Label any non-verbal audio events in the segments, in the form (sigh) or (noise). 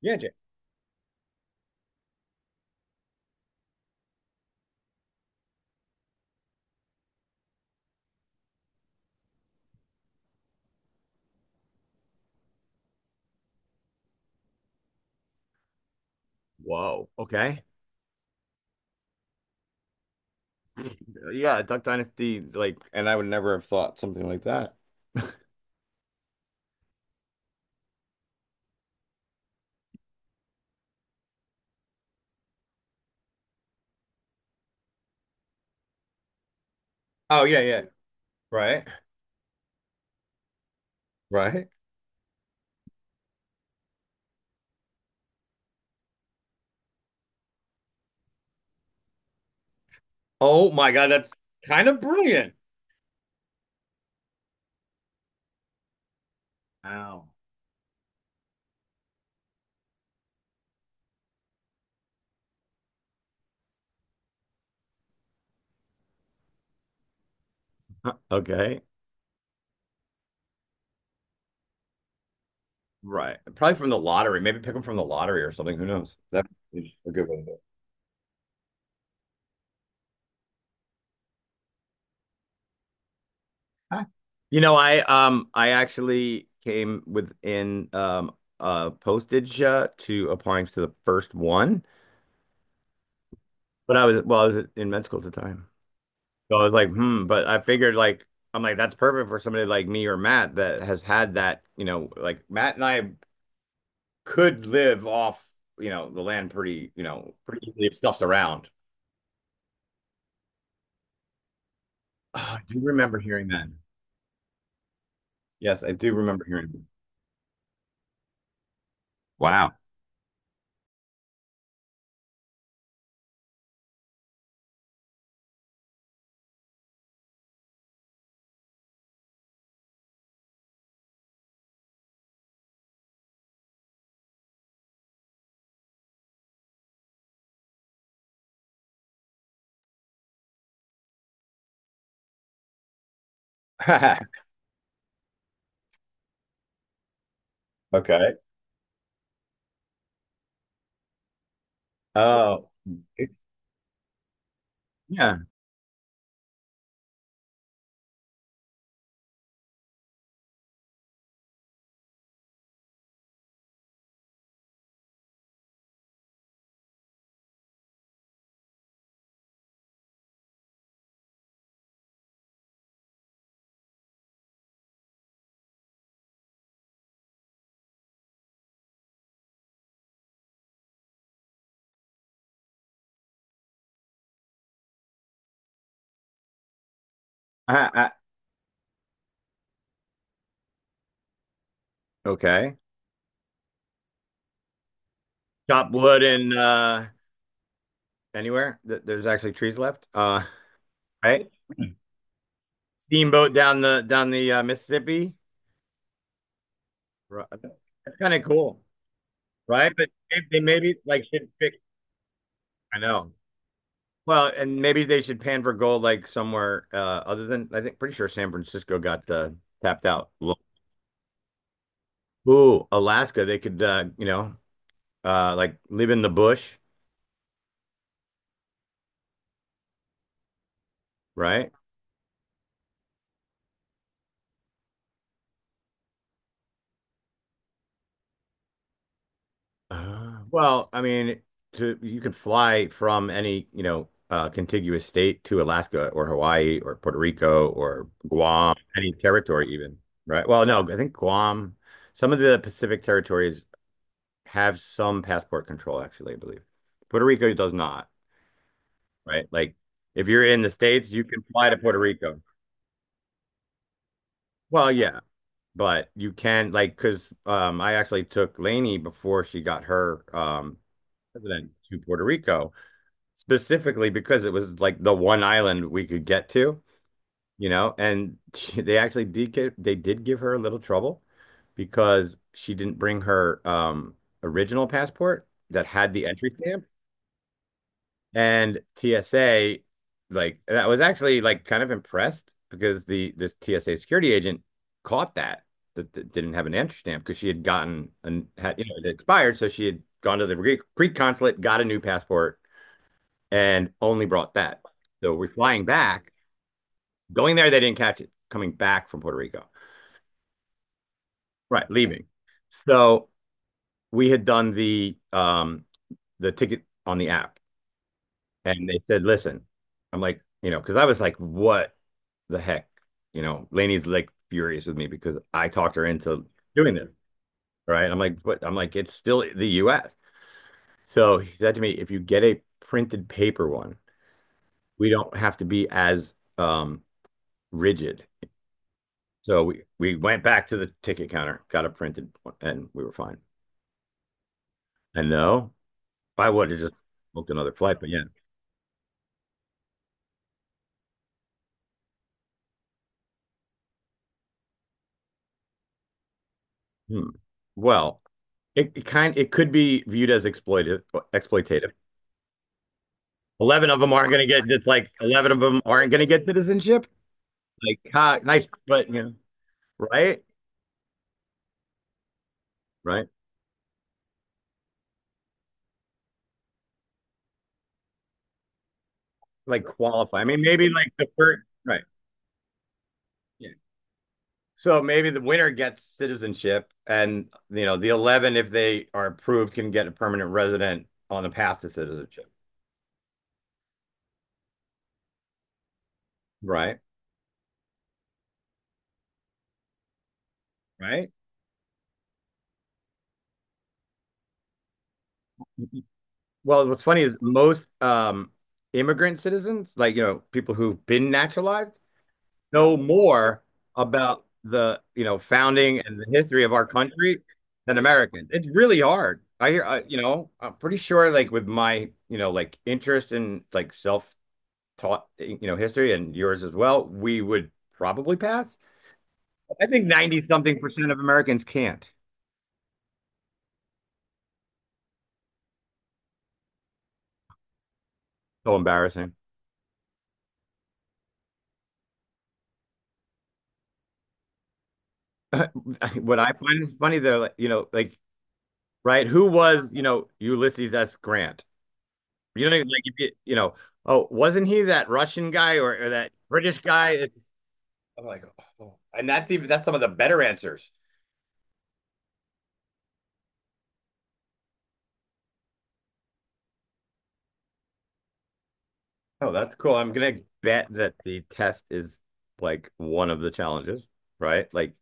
Yeah, Jay. Whoa. Okay. (clears throat) (laughs) Yeah, Duck Dynasty, like, and I would never have thought something like that. Oh yeah, yeah. Right. Right. Oh my God, that's kind of brilliant. Wow. Huh, okay. Right. Probably from the lottery. Maybe pick them from the lottery or something. Who knows? That's a good way to do it. Huh. You know, I actually came within postage to applying to the first one, but I was in med school at the time. So I was like, hmm, but I figured like I'm like that's perfect for somebody like me or Matt that has had that, you know, like Matt and I could live off, you know, the land pretty, you know, pretty easily if stuff's around. (sighs) Ah, I do remember hearing that. Yes, I do remember hearing. Wow, that. (laughs) Okay. Oh, it's, yeah. I, okay. Chop wood and anywhere that there's actually trees left. Right. Steamboat down the Mississippi. Right. That's kind of cool, right? But they maybe like should pick. I know. Well, and maybe they should pan for gold like somewhere other than I think pretty sure San Francisco got tapped out. Ooh, Alaska. They could you know like live in the bush, right? Well, I mean, to you can fly from any you know contiguous state to Alaska or Hawaii or Puerto Rico or Guam, any territory even, right? Well, no, I think Guam. Some of the Pacific territories have some passport control, actually, I believe. Puerto Rico does not, right? Like, if you're in the States, you can fly to Puerto Rico. Well, yeah, but you can, like, because I actually took Lainey before she got her president to Puerto Rico, specifically because it was like the one island we could get to, you know, and (laughs) she, they actually did get, they did give her a little trouble because she didn't bring her original passport that had the entry stamp. And TSA, like that was actually like kind of impressed because the TSA security agent caught that didn't have an entry stamp because she had gotten and had you know it expired, so she had gone to the Greek consulate, got a new passport, and only brought that. So we're flying back, going there, they didn't catch it. Coming back from Puerto Rico, right, leaving. So we had done the ticket on the app, and they said, "Listen." I'm like, you know, because I was like, "What the heck?" You know, Lainey's like furious with me because I talked her into doing this, right? I'm like, "What?" I'm like, "It's still the U.S." So he said to me, "If you get a printed paper one, we don't have to be as rigid." So we went back to the ticket counter, got a printed one, and we were fine. And no, I would have just booked another flight, but yeah. Hmm. Well, it kind it could be viewed as exploitive exploitative. Eleven of them aren't going to get. It's like 11 of them aren't going to get citizenship. Like, ha, nice, but you know, right, right. Like qualify. I mean, maybe like the first, right. Yeah. So maybe the winner gets citizenship, and you know, the 11, if they are approved, can get a permanent resident on the path to citizenship. Right, right. Well, what's funny is most immigrant citizens, like you know, people who've been naturalized, know more about the you know founding and the history of our country than Americans. It's really hard. You know, I'm pretty sure like with my you know like interest in like self-taught you know history and yours as well, we would probably pass. I think 90 something percent of Americans can't. So embarrassing. (laughs) What I find is funny though, like, you know, like right? Who was, you know, Ulysses S. Grant? You know, like if you, you know, oh, wasn't he that Russian guy or that British guy? It's, I'm like, oh, and that's even that's some of the better answers. Oh, that's cool. I'm gonna bet that the test is like one of the challenges, right? Like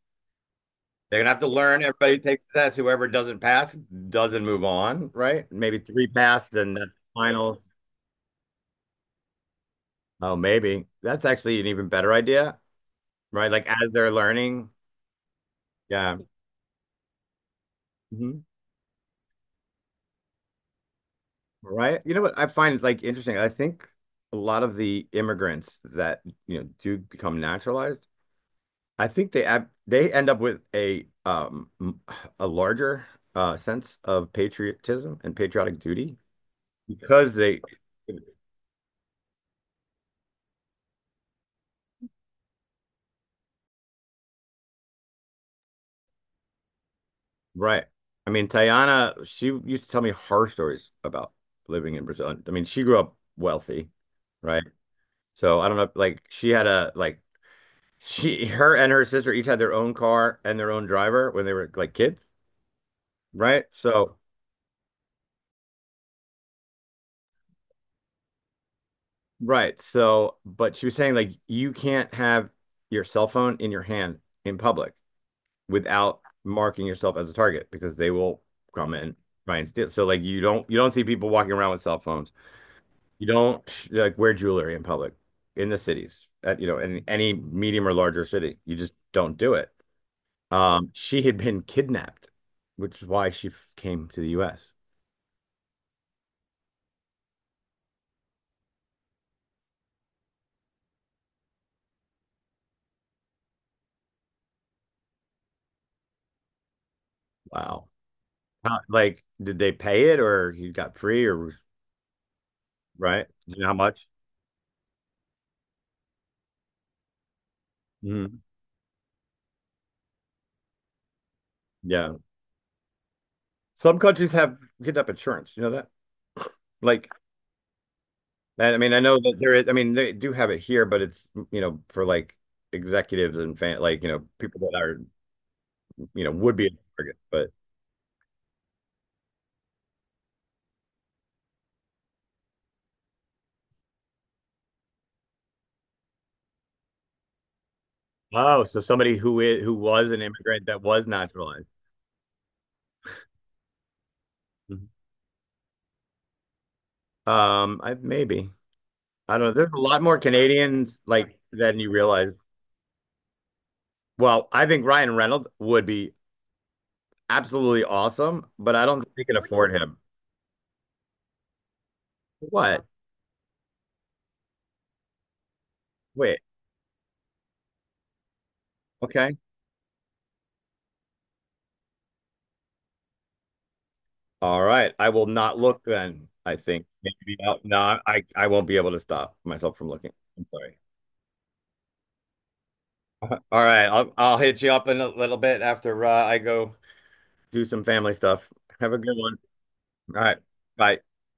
they're gonna have to learn. Everybody takes the test. Whoever doesn't pass doesn't move on, right? Maybe three pass, then that's finals. Oh, maybe that's actually an even better idea, right? Like as they're learning, yeah. Mhm. Right. You know what I find is like interesting. I think a lot of the immigrants that, you know, do become naturalized, I think they end up with a a larger sense of patriotism and patriotic duty because they right. I mean, Tayana, she used to tell me horror stories about living in Brazil. I mean, she grew up wealthy, right? So I don't know, like she had a like she her and her sister each had their own car and their own driver when they were like kids. Right? So, right. So, but she was saying like you can't have your cell phone in your hand in public without marking yourself as a target because they will come and try and steal. So like you don't see people walking around with cell phones. You don't like wear jewelry in public in the cities at you know in any medium or larger city. You just don't do it. She had been kidnapped, which is why came to the US. Wow. How, like, did they pay it or he got free or right. You know how much? Mhm. Yeah. Some countries have kidnap insurance. You know that? Like, I mean, I know that there is, I mean, they do have it here, but it's, you know, for like executives and fan, like, you know, people that are, you know, would be a target. But oh, so somebody who is, who was an immigrant that was naturalized. Mhm. I maybe. I don't know. There's a lot more Canadians like than you realize. Well, I think Ryan Reynolds would be absolutely awesome, but I don't think we can afford him. What? Wait. Okay. All right. I will not look then, I think. Maybe no, no, I won't be able to stop myself from looking. I'm sorry. All right. I'll hit you up in a little bit after I go do some family stuff. Have a good one. All right. Bye.